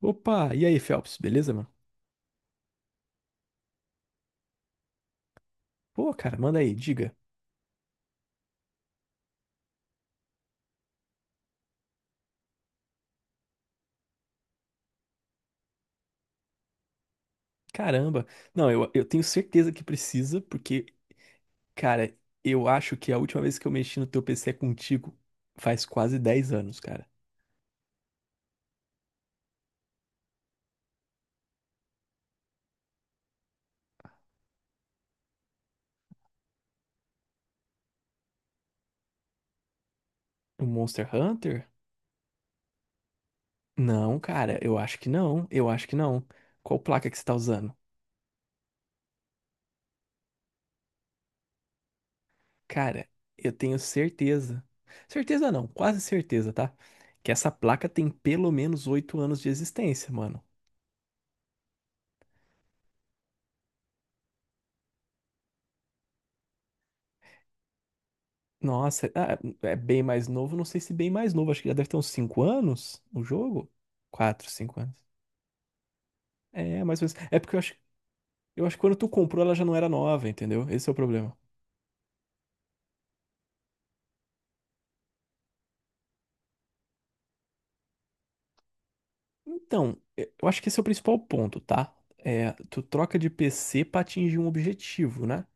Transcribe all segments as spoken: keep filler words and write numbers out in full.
Opa, e aí, Phelps, beleza, mano? Pô, cara, manda aí, diga. Caramba. Não, eu, eu tenho certeza que precisa, porque, cara, eu acho que a última vez que eu mexi no teu P C é contigo faz quase dez anos, cara. O Monster Hunter? Não, cara, eu acho que não, eu acho que não. Qual placa que você tá usando? Cara, eu tenho certeza. Certeza não, quase certeza, tá? Que essa placa tem pelo menos oito anos de existência, mano. Nossa, ah, é bem mais novo, não sei se bem mais novo, acho que já deve ter uns cinco anos o jogo. Quatro, cinco anos. É, mais ou menos. É porque eu acho, eu acho que quando tu comprou ela já não era nova, entendeu? Esse é o problema. Então, eh, eu acho que esse é o principal ponto, tá? É, tu troca de P C pra atingir um objetivo, né?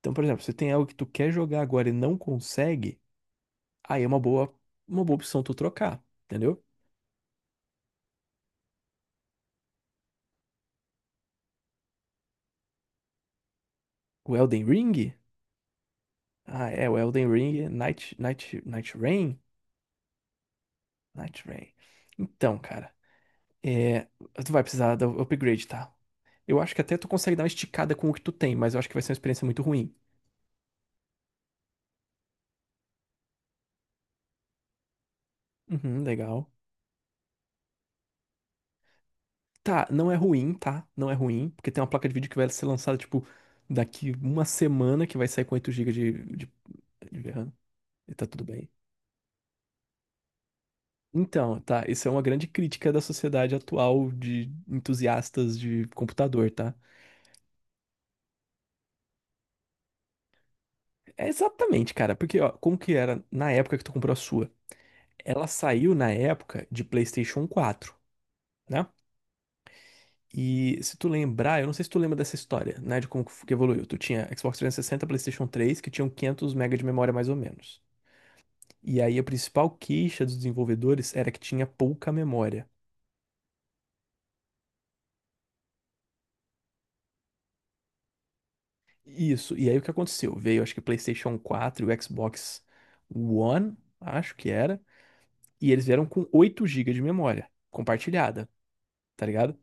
Então, por exemplo, se tem algo que tu quer jogar agora e não consegue, aí é uma boa, uma boa opção tu trocar, entendeu? O Elden Ring? Ah, é, o Elden Ring, Night, Night, Night Rain? Night Rain. Então, cara. É, tu vai precisar do upgrade, tá? Eu acho que até tu consegue dar uma esticada com o que tu tem, mas eu acho que vai ser uma experiência muito ruim. Uhum, legal. Tá, não é ruim, tá? Não é ruim, porque tem uma placa de vídeo que vai ser lançada, tipo, daqui uma semana, que vai sair com oito gigas de, de, de RAM. E tá tudo bem. Então, tá, isso é uma grande crítica da sociedade atual de entusiastas de computador, tá? É exatamente, cara, porque, ó, como que era na época que tu comprou a sua? Ela saiu na época de PlayStation quatro, né? E se tu lembrar, eu não sei se tu lembra dessa história, né, de como que f- que evoluiu. Tu tinha Xbox trezentos e sessenta, PlayStation três, que tinham quinhentos megabytes de memória mais ou menos. E aí a principal queixa dos desenvolvedores era que tinha pouca memória. Isso, e aí o que aconteceu? Veio, acho que PlayStation quatro e o Xbox One, acho que era, e eles vieram com oito gigas de memória compartilhada, tá ligado?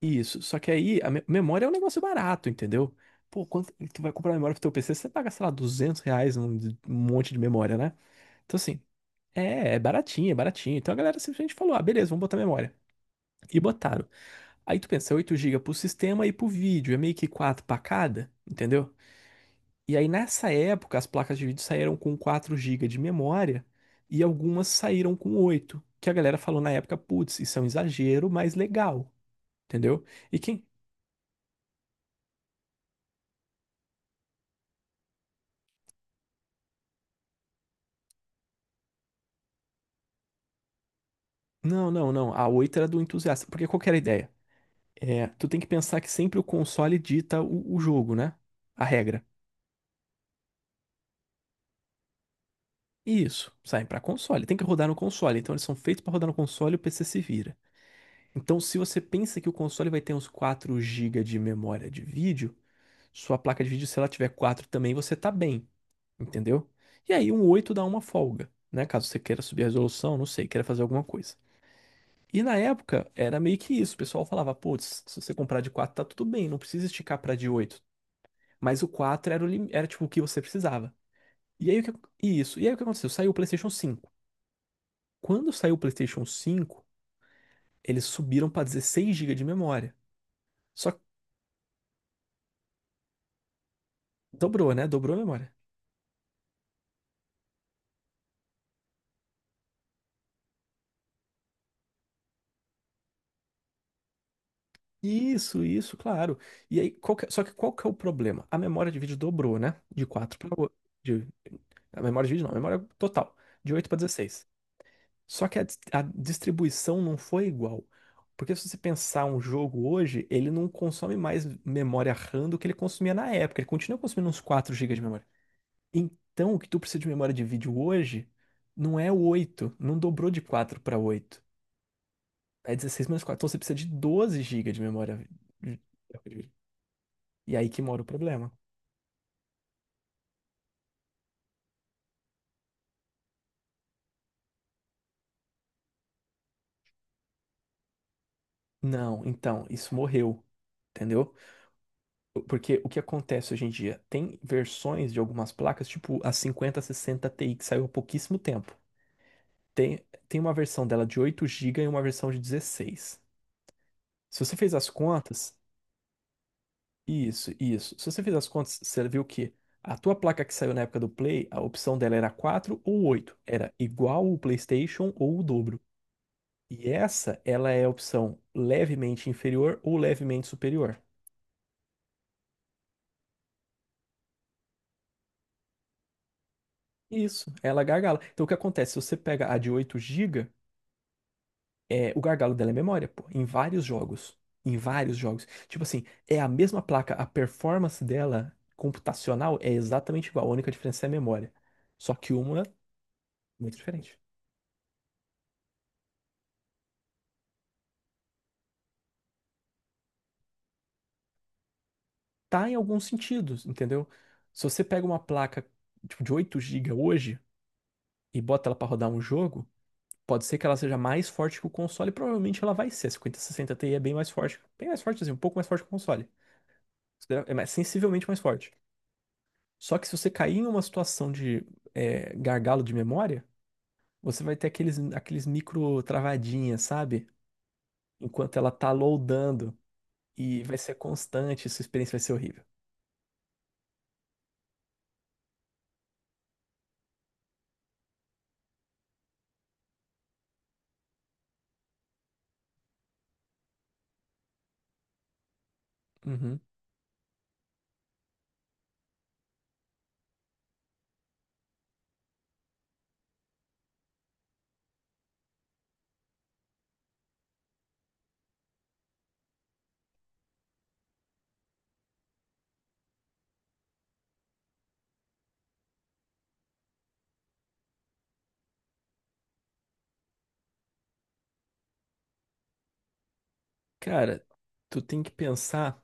Isso, só que aí a me- memória é um negócio barato, entendeu? Pô, quanto tu vai comprar memória pro teu P C, você paga, sei lá, duzentos reais num d- um monte de memória, né? Então, assim, é, é baratinho, é baratinho. Então a galera simplesmente falou: ah, beleza, vamos botar memória. E botaram. Aí tu pensa, oito gigas pro sistema e pro vídeo, é meio que quatro pra cada, entendeu? E aí nessa época as placas de vídeo saíram com quatro gigas de memória e algumas saíram com oito, que a galera falou na época, putz, isso é um exagero, mas legal, entendeu? E quem. Não, não, não, a oito era do entusiasta, porque qual que era a ideia? É, tu tem que pensar que sempre o console dita o o jogo, né? A regra. Isso, saem para console. Tem que rodar no console. Então eles são feitos para rodar no console e o P C se vira. Então, se você pensa que o console vai ter uns quatro gigas de memória de vídeo, sua placa de vídeo, se ela tiver quatro também, você tá bem, entendeu? E aí um oito dá uma folga, né? Caso você queira subir a resolução, não sei, queira fazer alguma coisa. E na época era meio que isso. O pessoal falava, putz, se você comprar de quatro tá tudo bem, não precisa esticar para de oito. Mas o quatro era, o lim- era tipo o que você precisava. E aí o que... Isso. E aí o que aconteceu? Saiu o PlayStation cinco. Quando saiu o PlayStation cinco, eles subiram para dezesseis gigas de memória. Só que dobrou, né? Dobrou a memória. Isso, isso, claro. E aí, qual que é- só que qual que é o problema? A memória de vídeo dobrou, né? De quatro para oito. De, a memória de vídeo não, a memória total. De oito para dezesseis. Só que a, dis- a distribuição não foi igual. Porque se você pensar um jogo hoje, ele não consome mais memória RAM do que ele consumia na época. Ele continua consumindo uns quatro gigas de memória. Então, o que tu precisa de memória de vídeo hoje não é o oito, não dobrou de quatro para oito. É dezesseis menos quatro. Então você precisa de doze gigas de memória. de- E aí que mora o problema. Não, então, isso morreu. Entendeu? Porque o que acontece hoje em dia? Tem versões de algumas placas, tipo a cinquenta sessenta Ti, que saiu há pouquíssimo tempo. Tem, tem uma versão dela de oito gigas e uma versão de dezesseis. Se você fez as contas, isso, isso. Se você fizer as contas, você viu que a tua placa que saiu na época do Play, a opção dela era quatro ou oito. Era igual o PlayStation ou o dobro. E essa, ela é a opção levemente inferior ou levemente superior. Isso, ela gargala. Então o que acontece? Se você pega a de oito gigas, é, o gargalo dela é memória, pô, em vários jogos. Em vários jogos. Tipo assim, é a mesma placa, a performance dela computacional é exatamente igual. A única diferença é a memória. Só que uma é muito diferente. Tá, em alguns sentidos, entendeu? Se você pega uma placa tipo, de oito gigas hoje e bota ela pra rodar um jogo, pode ser que ela seja mais forte que o console, e provavelmente ela vai ser. A cinquenta sessenta Ti é bem mais forte, bem mais forte assim, um pouco mais forte que o console. É mais- sensivelmente mais forte. Só que se você cair em uma situação de é, gargalo de memória, você vai ter aqueles, aqueles micro travadinhas, sabe? Enquanto ela tá loadando. E vai ser constante, sua experiência vai ser horrível. Uhum. Cara, tu tem que pensar.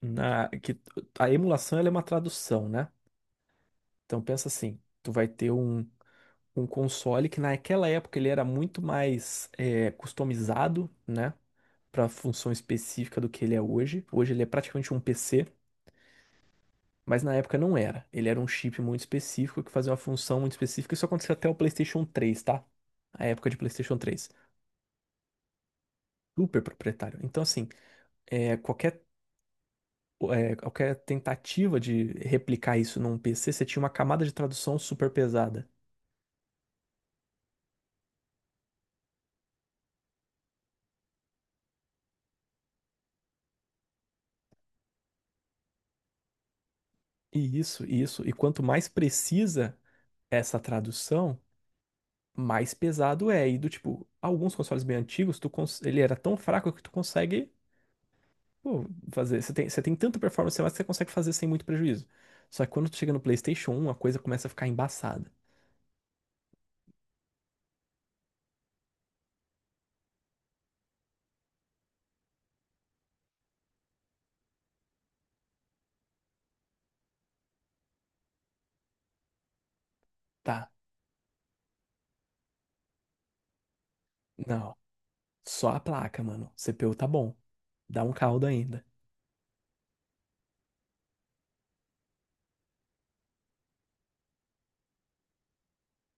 na que t- a emulação ela é uma tradução, né? Então pensa assim, tu vai ter um, um console que naquela época ele era muito mais é, customizado, né? Para função específica do que ele é hoje. Hoje ele é praticamente um P C, mas na época não era. Ele era um chip muito específico que fazia uma função muito específica. Isso aconteceu até o PlayStation três, tá? A época de PlayStation três. Super proprietário. Então assim, é, qualquer é, qualquer tentativa de replicar isso num P C, você tinha uma camada de tradução super pesada. E isso, isso. E quanto mais precisa essa tradução, mais pesado é. E do tipo, alguns consoles bem antigos, tu cons- ele era tão fraco que tu consegue, pô, fazer. Você tem, você tem tanta performance a mais que você consegue fazer sem muito prejuízo. Só que quando tu chega no PlayStation um, a coisa começa a ficar embaçada. Tá, não. Só a placa, mano. C P U tá bom. Dá um caldo ainda.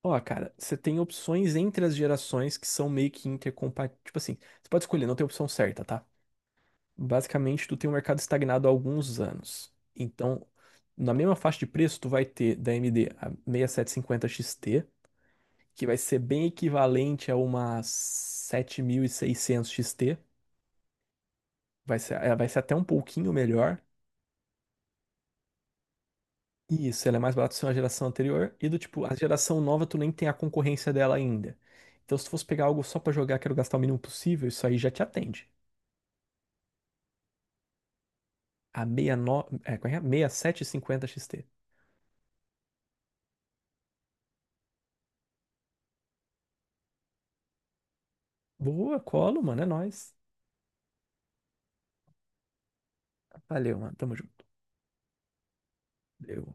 Ó, cara, você tem opções entre as gerações que são meio que intercompatíveis. Tipo assim, você pode escolher, não tem opção certa, tá? Basicamente, tu tem um mercado estagnado há alguns anos. Então, na mesma faixa de preço, tu vai ter da A M D a sessenta e sete cinquenta X T, que vai ser bem equivalente a uma sete mil e seiscentos X T. Vai ser, ela vai ser até um pouquinho melhor. E isso, ela é mais barata do que a geração anterior. E do tipo, a geração nova, tu nem tem a concorrência dela ainda. Então, se tu fosse pegar algo só pra jogar, quero gastar o mínimo possível, isso aí já te atende. A sessenta e nove, é, qual é? sessenta e sete cinquenta X T. Boa, colo, mano, é nóis. Valeu, mano. Tamo junto. Deu.